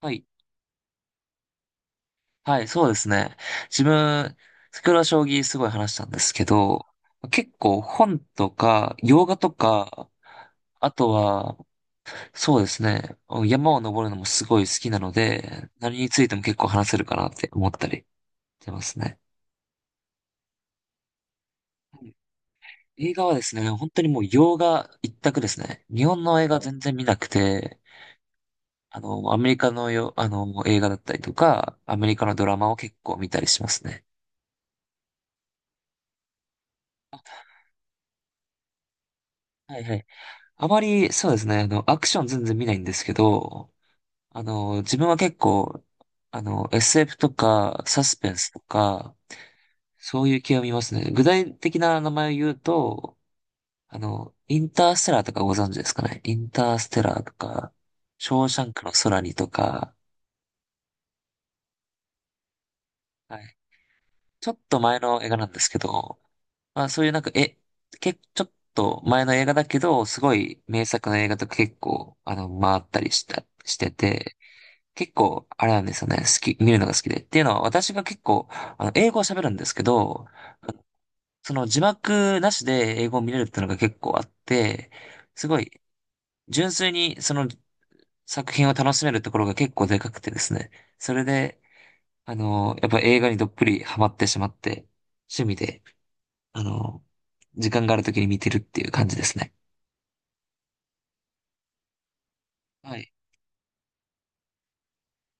はい。はい、そうですね。自分、先ほど将棋すごい話したんですけど、結構本とか、洋画とか、あとは、そうですね、山を登るのもすごい好きなので、何についても結構話せるかなって思ったりしてますね。はい。映画はですね、本当にもう洋画一択ですね。日本の映画全然見なくて、アメリカのよ、あの、映画だったりとか、アメリカのドラマを結構見たりしますね。はいはい。あまり、そうですね、アクション全然見ないんですけど、自分は結構、SF とか、サスペンスとか、そういう系を見ますね。具体的な名前を言うと、インターステラーとかご存知ですかね。インターステラーとか、ショーシャンクの空にとか、はい。ちょっと前の映画なんですけど、まあそういうなんか、え、け、ちょっと前の映画だけど、すごい名作の映画とか結構、回ったりした、してて、結構、あれなんですよね。見るのが好きで。っていうのは、私が結構、英語を喋るんですけど、その字幕なしで英語を見れるっていうのが結構あって、すごい、純粋にその作品を楽しめるところが結構でかくてですね。それで、やっぱ映画にどっぷりハマってしまって、趣味で、あの、時間がある時に見てるっていう感じですね。はい、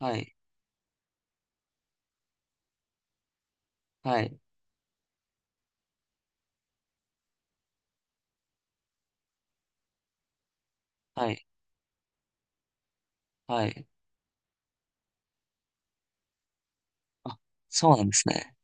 はい、はい、はい、はい。あ、そうなんですね。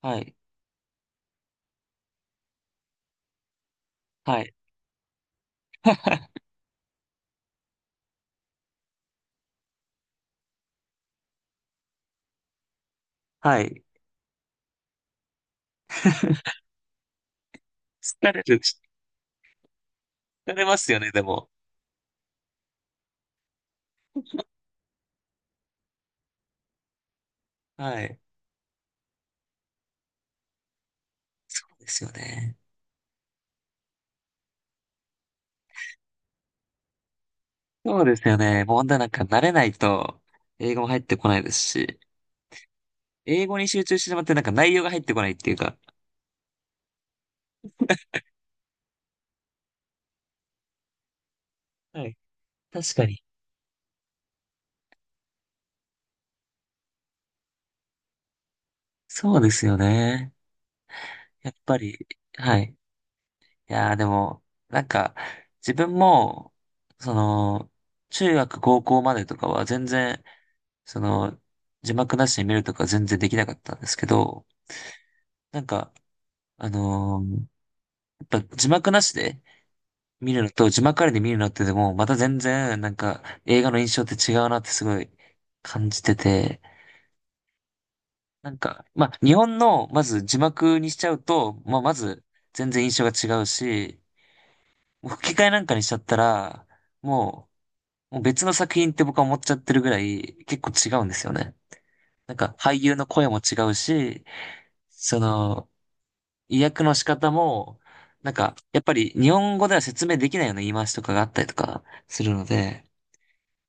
はい、はい、はい。疲れる。疲れますよね、でも。はい。そうですよね。そうですよね。もうほんとなんか慣れないと、英語も入ってこないですし、英語に集中してしまってなんか内容が入ってこないっていうか。はい。確かに。そうですよね。やっぱり、はい。いやーでも、なんか、自分も、その、中学、高校までとかは全然、その、字幕なしで見るとか全然できなかったんですけど、なんか、あのーやっぱ字幕なしで、見るのと、字幕ありで見るのってでも、また全然、なんか、映画の印象って違うなってすごい感じてて、なんか、まあ、日本の、まず字幕にしちゃうと、まあ、まず、全然印象が違うし、もう吹き替えなんかにしちゃったら、ももう別の作品って僕は思っちゃってるぐらい、結構違うんですよね。なんか、俳優の声も違うし、その、意訳の仕方も、なんか、やっぱり日本語では説明できないような言い回しとかがあったりとかするので、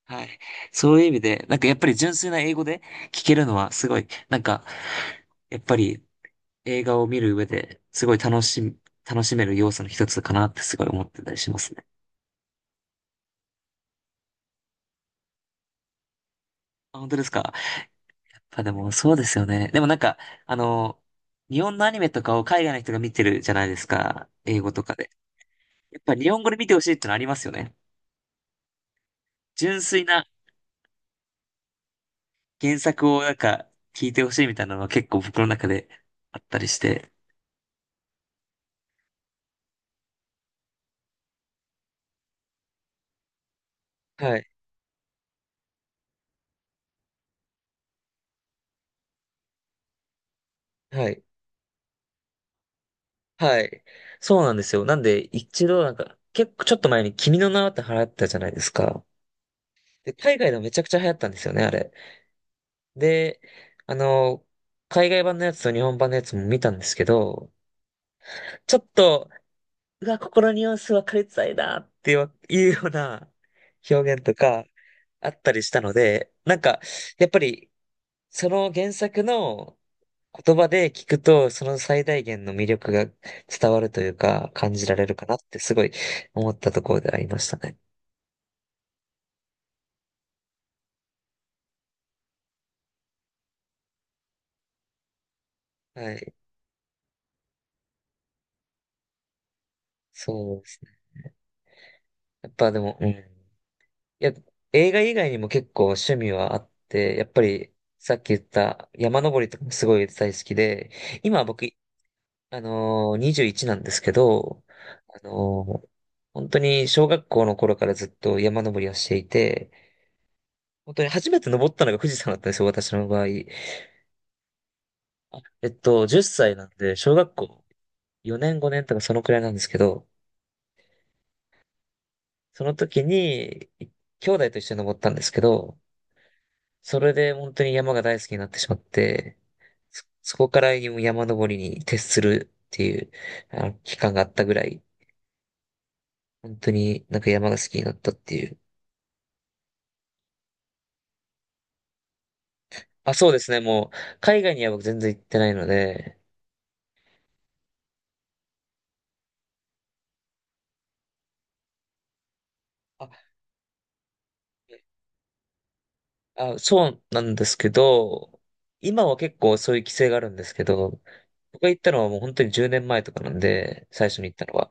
はい。そういう意味で、なんかやっぱり純粋な英語で聞けるのはすごい、なんか、やっぱり映画を見る上ですごい楽しみ、楽しめる要素の一つかなってすごい思ってたりしますね。あ、本当ですか。やっぱでもそうですよね。でもなんか、あの、日本のアニメとかを海外の人が見てるじゃないですか。英語とかで。やっぱり日本語で見てほしいってのありますよね。純粋な原作をなんか聞いてほしいみたいなのは結構僕の中であったりして。はい。はい。はい。そうなんですよ。なんで、一度なんか、結構ちょっと前に君の名はって流行ったじゃないですか。で、海外でもめちゃくちゃ流行ったんですよね、あれ。で、あの、海外版のやつと日本版のやつも見たんですけど、ちょっと、うわ、ここのニュアンス分かりづらいなっていうような表現とかあったりしたので、なんか、やっぱり、その原作の言葉で聞くと、その最大限の魅力が伝わるというか、感じられるかなってすごい思ったところでありましたね。はい。そうですね。やっぱでも、うん。いや、映画以外にも結構趣味はあって、やっぱりさっき言った山登りとかもすごい大好きで、今僕、あのー、21なんですけど、あのー、本当に小学校の頃からずっと山登りをしていて、本当に初めて登ったのが富士山だったんですよ、私の場合。えっと、10歳なんで、小学校4年5年とかそのくらいなんですけど、その時に、兄弟と一緒に登ったんですけど、それで本当に山が大好きになってしまって、そこから山登りに徹するっていう、期間があったぐらい、本当になんか山が好きになったっていう。あ、そうですね、もう、海外には僕全然行ってないので、ああ、そうなんですけど、今は結構そういう規制があるんですけど、僕が行ったのはもう本当に10年前とかなんで、最初に行ったのは。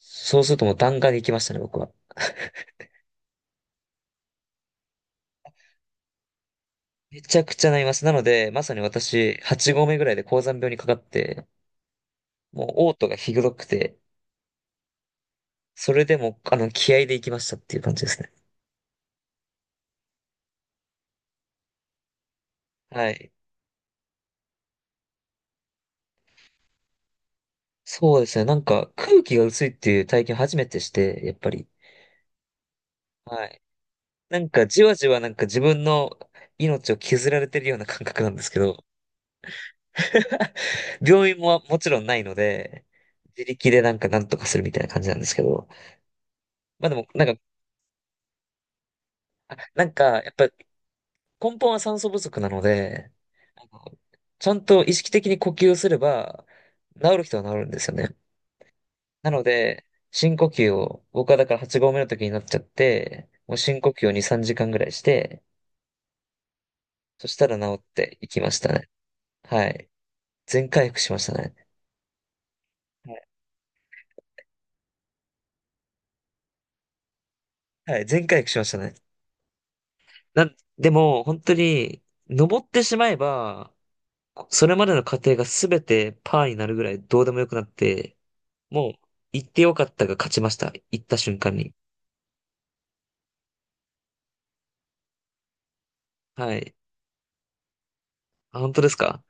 そうするともう弾丸に行きましたね、僕は。めちゃくちゃなります。なので、まさに私、8合目ぐらいで高山病にかかって、もう嘔吐がひどくて、それでも、気合で行きましたっていう感じですね。はい。そうですね。なんか、空気が薄いっていう体験初めてして、やっぱり。はい。なんか、じわじわなんか自分の命を削られてるような感覚なんですけど、病院ももちろんないので、自力でなんかなんとかするみたいな感じなんですけど、まあでも、なんか、やっぱ根本は酸素不足なので、あのちゃんと意識的に呼吸をすれば、治る人は治るんですよね。なので、深呼吸を、僕はだから8合目の時になっちゃって、もう深呼吸を2、3時間ぐらいして、そしたら治っていきましたね。はい。全回復しましたね。はい。はい、全回復しましたね。でも、本当に、登ってしまえば、それまでの過程がすべてパーになるぐらいどうでもよくなって、もう、行ってよかったが勝ちました。行った瞬間に。はい。あ、本当ですか。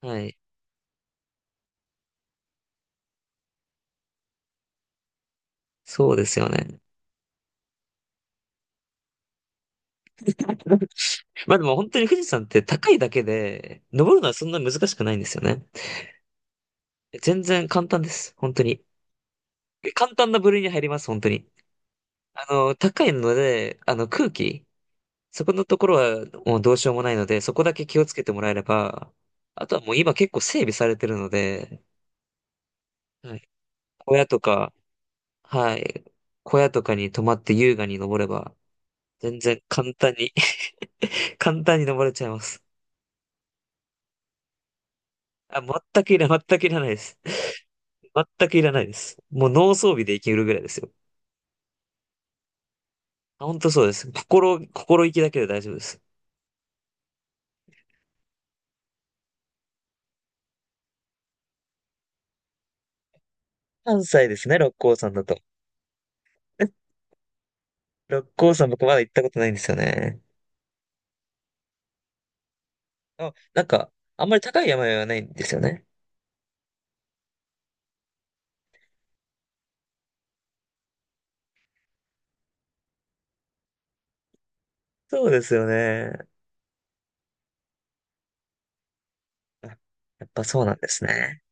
はい。そうですよね。まあでも本当に富士山って高いだけで、登るのはそんな難しくないんですよね。全然簡単です。本当に。簡単な部類に入ります、本当に。高いので、空気。そこのところはもうどうしようもないので、そこだけ気をつけてもらえれば、あとはもう今結構整備されてるので、はい、小屋とか、はい、小屋とかに泊まって優雅に登れば、全然簡単に 簡単に登れちゃいます。あ、全くいらないです。全くいらないです。もう脳装備でいけるぐらいですよ。あ、本当そうです。心意気だけで大丈夫です。関西ですね、六甲山だと。六甲山僕まだ行ったことないんですよね。あ、なんか、あんまり高い山々はないんですよね。そうですよね。あ、やっぱそうなんですね。